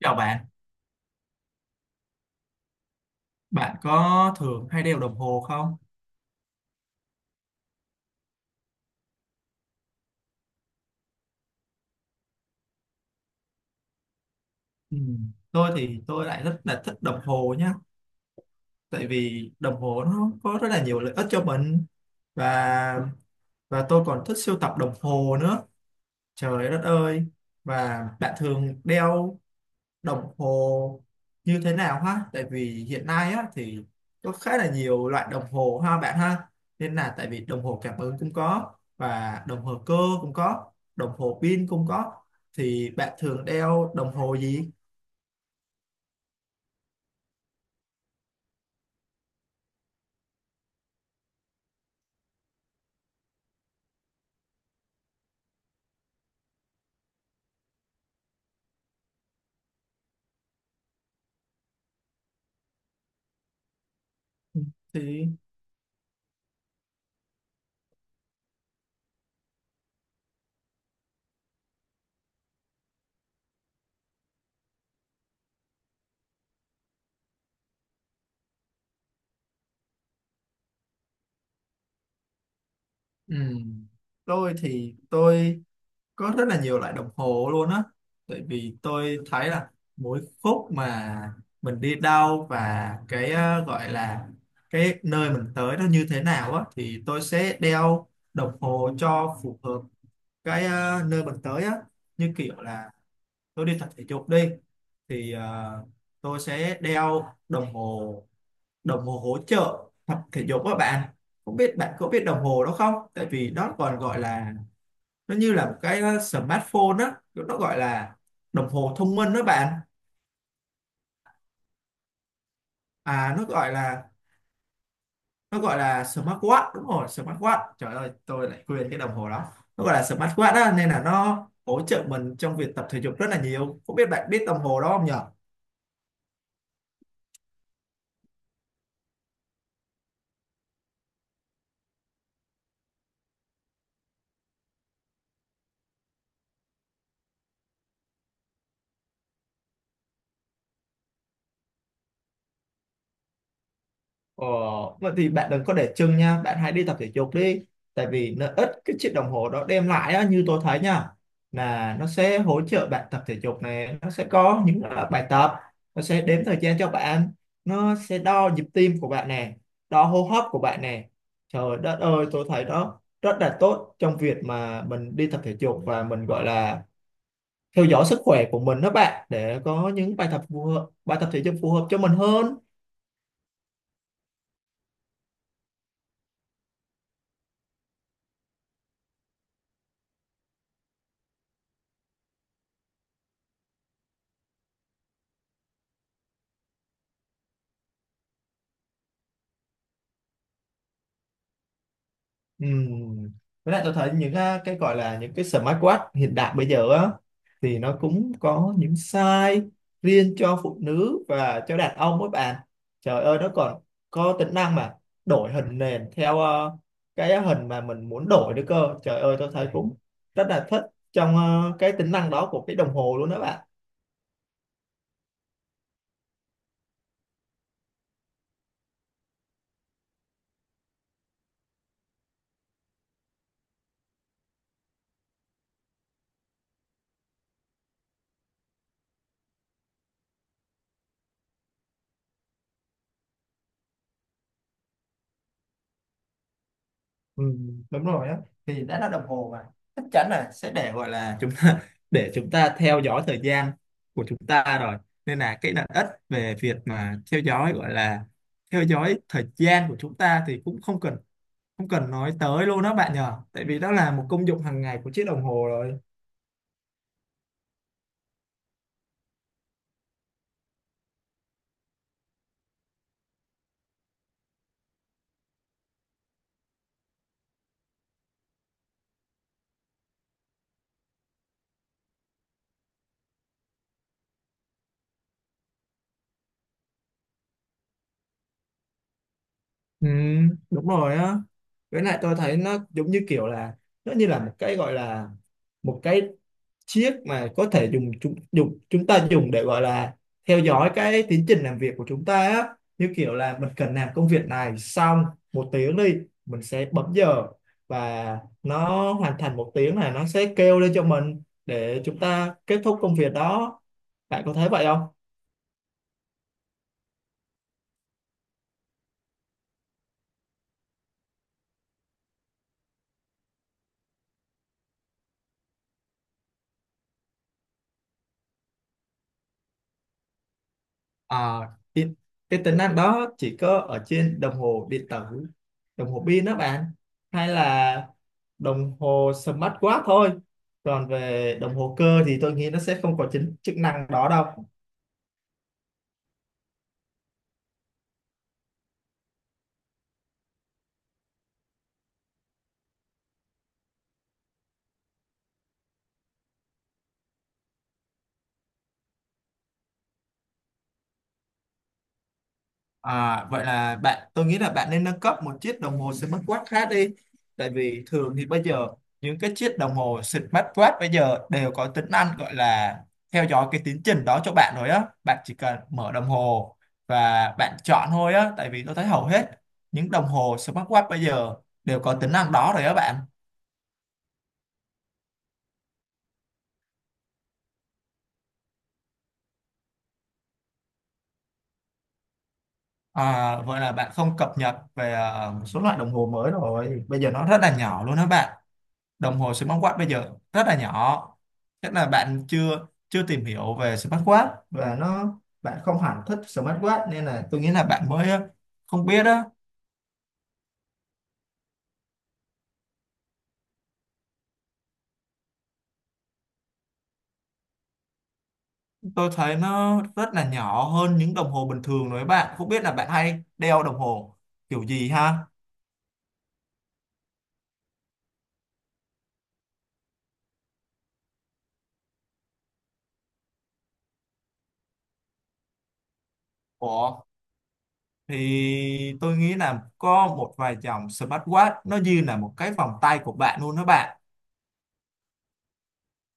Chào bạn, bạn có thường hay đeo đồng hồ không? Ừ. Tôi thì tôi lại rất là thích đồng hồ nhá, tại vì đồng hồ nó có rất là nhiều lợi ích cho mình, và và tôi còn thích sưu tập đồng hồ nữa. Trời đất ơi! Và bạn thường đeo đồng hồ như thế nào ha, tại vì hiện nay á thì có khá là nhiều loại đồng hồ ha bạn ha, nên là tại vì đồng hồ cảm ứng cũng có, và đồng hồ cơ cũng có, đồng hồ pin cũng có, thì bạn thường đeo đồng hồ gì? Thì ừm, tôi thì tôi có rất là nhiều loại đồng hồ luôn á, tại vì tôi thấy là mỗi khúc mà mình đi đâu, và cái gọi là cái nơi mình tới nó như thế nào á, thì tôi sẽ đeo đồng hồ cho phù hợp cái nơi mình tới á. Như kiểu là tôi đi tập thể dục đi, thì tôi sẽ đeo đồng hồ hỗ trợ tập thể dục các bạn. Không biết bạn có biết đồng hồ đó không, tại vì đó còn gọi là, nó như là một cái smartphone á, nó gọi là đồng hồ thông minh đó bạn. À, nó gọi là smartwatch, đúng rồi, smartwatch, trời ơi tôi lại quên cái đồng hồ đó. Nó gọi là smartwatch á, nên là nó hỗ trợ mình trong việc tập thể dục rất là nhiều, không biết bạn biết đồng hồ đó không nhỉ? Ờ, vậy thì bạn đừng có để chừng nha, bạn hãy đi tập thể dục đi. Tại vì lợi ích cái chiếc đồng hồ đó đem lại á, như tôi thấy nha, là nó sẽ hỗ trợ bạn tập thể dục này, nó sẽ có những bài tập, nó sẽ đếm thời gian cho bạn, nó sẽ đo nhịp tim của bạn nè, đo hô hấp của bạn nè. Trời đất ơi, tôi thấy đó rất là tốt trong việc mà mình đi tập thể dục, và mình gọi là theo dõi sức khỏe của mình đó bạn, để có những bài tập phù hợp, bài tập thể dục phù hợp cho mình hơn. Ừm. Với lại tôi thấy những cái gọi là những cái smartwatch hiện đại bây giờ á, thì nó cũng có những size riêng cho phụ nữ và cho đàn ông các bạn. Trời ơi nó còn có tính năng mà đổi hình nền theo cái hình mà mình muốn đổi nữa cơ. Trời ơi tôi thấy cũng rất là thích trong cái tính năng đó của cái đồng hồ luôn đó bạn. Ừ, đúng rồi á, thì đã là đồng hồ mà, chắc chắn là sẽ để gọi là chúng ta để chúng ta theo dõi thời gian của chúng ta rồi, nên là cái lợi ích về việc mà theo dõi gọi là theo dõi thời gian của chúng ta thì cũng không cần nói tới luôn đó bạn nhờ, tại vì đó là một công dụng hàng ngày của chiếc đồng hồ rồi. Ừ, đúng rồi á, với lại tôi thấy nó giống như kiểu là, nó như là một cái gọi là một cái chiếc mà có thể dùng chúng ta dùng để gọi là theo dõi cái tiến trình làm việc của chúng ta á. Như kiểu là mình cần làm công việc này xong một tiếng đi, mình sẽ bấm giờ, và nó hoàn thành một tiếng này, nó sẽ kêu lên cho mình để chúng ta kết thúc công việc đó. Bạn có thấy vậy không? À, cái, cái tính năng đó chỉ có ở trên đồng hồ điện tử, đồng hồ pin đó bạn, hay là đồng hồ smartwatch thôi, còn về đồng hồ cơ thì tôi nghĩ nó sẽ không có chính chức năng đó đâu. Vậy là bạn, tôi nghĩ là bạn nên nâng cấp một chiếc đồng hồ smartwatch khác đi, tại vì thường thì bây giờ những cái chiếc đồng hồ smartwatch bây giờ đều có tính năng gọi là theo dõi cái tiến trình đó cho bạn rồi á, bạn chỉ cần mở đồng hồ và bạn chọn thôi á, tại vì tôi thấy hầu hết những đồng hồ smartwatch bây giờ đều có tính năng đó rồi á bạn. À, vậy là bạn không cập nhật về một số loại đồng hồ mới rồi. Bây giờ nó rất là nhỏ luôn đó bạn. Đồng hồ smartwatch bây giờ rất là nhỏ. Chắc là bạn chưa chưa tìm hiểu về smartwatch, và nó bạn không hẳn thích smartwatch, nên là tôi nghĩ là bạn mới không biết á. Tôi thấy nó rất là nhỏ hơn những đồng hồ bình thường đấy bạn. Không biết là bạn hay đeo đồng hồ kiểu gì ha? Ủa, thì tôi nghĩ là có một vài dòng smartwatch nó như là một cái vòng tay của bạn luôn đó bạn,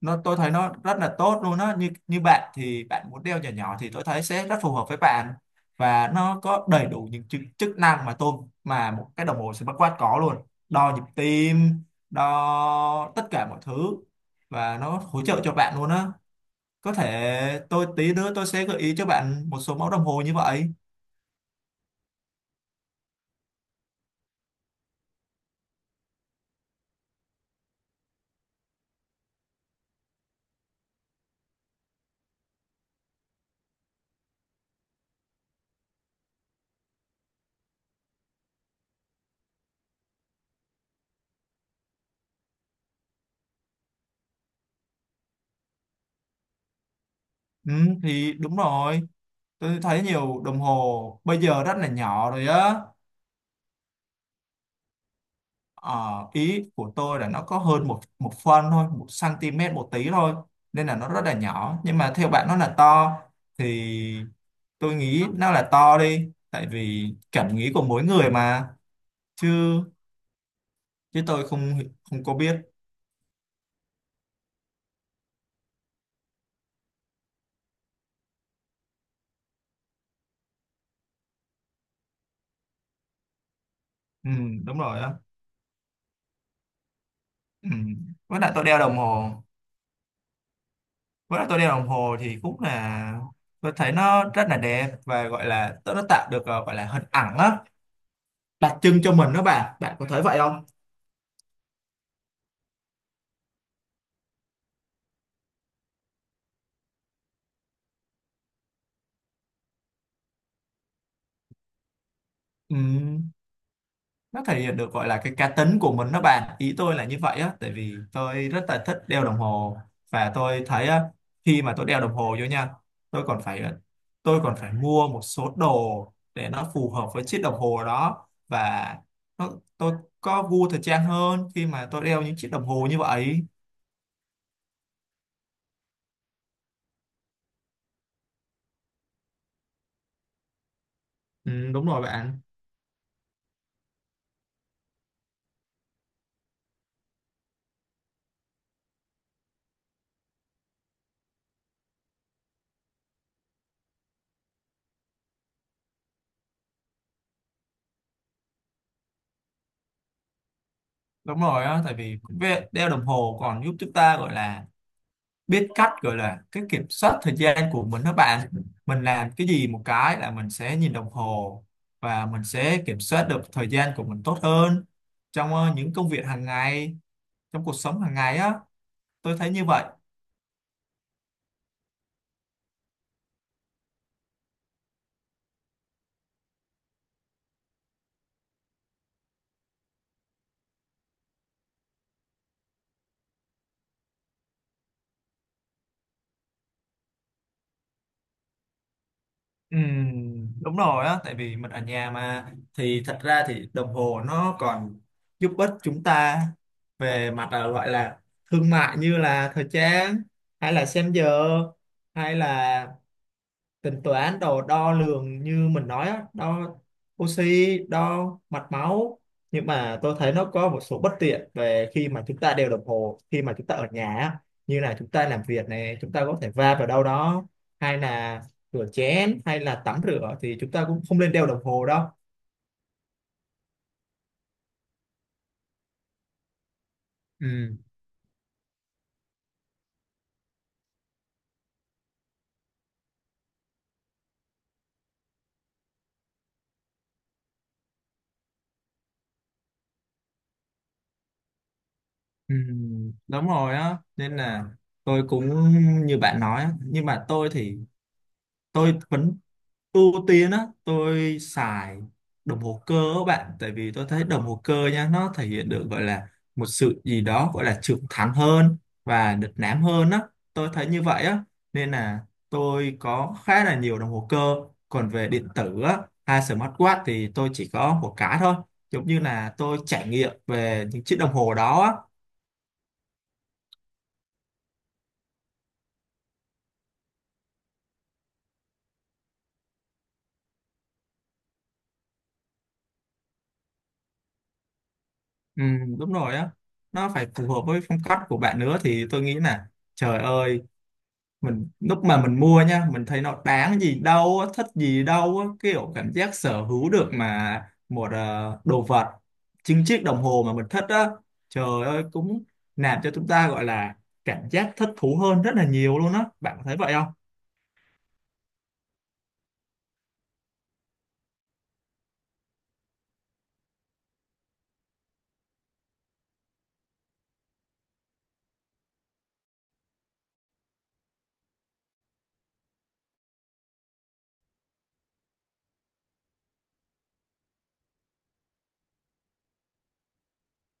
nó tôi thấy nó rất là tốt luôn á, như như bạn thì bạn muốn đeo nhỏ nhỏ thì tôi thấy sẽ rất phù hợp với bạn, và nó có đầy đủ những chức năng mà một cái đồng hồ smartwatch có luôn, đo nhịp tim, đo tất cả mọi thứ, và nó hỗ trợ cho bạn luôn á. Có thể tôi tí nữa tôi sẽ gợi ý cho bạn một số mẫu đồng hồ như vậy. Ừ, thì đúng rồi, tôi thấy nhiều đồng hồ bây giờ rất là nhỏ rồi á. Ờ, ý của tôi là nó có hơn một một phân thôi, một cm một tí thôi, nên là nó rất là nhỏ, nhưng mà theo bạn nó là to thì tôi nghĩ nó là to đi, tại vì cảm nghĩ của mỗi người mà, chứ chứ tôi không không có biết. Ừ, đúng rồi á. Ừ. với lại tôi đeo đồng hồ với lại tôi đeo đồng hồ thì cũng là, tôi thấy nó rất là đẹp, và gọi là nó tạo được gọi là hình ảnh á đặc trưng cho mình đó bạn. Bạn có thấy vậy không? Ừ. Nó thể hiện được gọi là cái cá tính của mình đó bạn, ý tôi là như vậy á, tại vì tôi rất là thích đeo đồng hồ, và tôi thấy á, khi mà tôi đeo đồng hồ vô nha, tôi còn phải ờ, tôi còn phải mua một số đồ để nó phù hợp với chiếc đồng hồ đó, và nó, tôi có gu thời trang hơn khi mà tôi đeo những chiếc đồng hồ như vậy. Ừ, đúng rồi bạn. Đúng rồi á, tại vì đeo đồng hồ còn giúp chúng ta gọi là biết cách gọi là cái kiểm soát thời gian của mình đó bạn. Mình làm cái gì một cái là mình sẽ nhìn đồng hồ, và mình sẽ kiểm soát được thời gian của mình tốt hơn trong những công việc hàng ngày, trong cuộc sống hàng ngày á. Tôi thấy như vậy. Đúng rồi á, tại vì mình ở nhà mà thì thật ra thì đồng hồ nó còn giúp ích chúng ta về mặt là gọi là thương mại, như là thời trang, hay là xem giờ, hay là tính toán đồ đo lường như mình nói á, đo oxy, đo mạch máu. Nhưng mà tôi thấy nó có một số bất tiện về khi mà chúng ta đeo đồng hồ khi mà chúng ta ở nhà á. Như là chúng ta làm việc này chúng ta có thể va vào đâu đó, hay là rửa chén hay là tắm rửa thì chúng ta cũng không nên đeo đồng hồ đâu. Ừ, ừ, đúng rồi á, nên là tôi cũng như bạn nói á. Nhưng mà tôi thì tôi vẫn ưu tiên á, tôi xài đồng hồ cơ các bạn, tại vì tôi thấy đồng hồ cơ nha, nó thể hiện được gọi là một sự gì đó gọi là trưởng thành hơn và đlịch lãm hơn á, tôi thấy như vậy á. Nên là tôi có khá là nhiều đồng hồ cơ, còn về điện tử á hay smartwatch thì tôi chỉ có một cái thôi, giống như là tôi trải nghiệm về những chiếc đồng hồ đó á. Ừ, đúng rồi á, nó phải phù hợp với phong cách của bạn nữa, thì tôi nghĩ là, trời ơi, mình lúc mà mình mua nha mình thấy nó đáng gì đâu á, thích gì đâu á, kiểu cảm giác sở hữu được mà một đồ vật, chính chiếc đồng hồ mà mình thích á, trời ơi cũng làm cho chúng ta gọi là cảm giác thích thú hơn rất là nhiều luôn á. Bạn có thấy vậy không?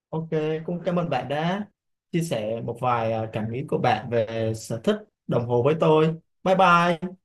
Ok, cũng cảm ơn bạn đã chia sẻ một vài cảm nghĩ của bạn về sở thích đồng hồ với tôi. Bye bye.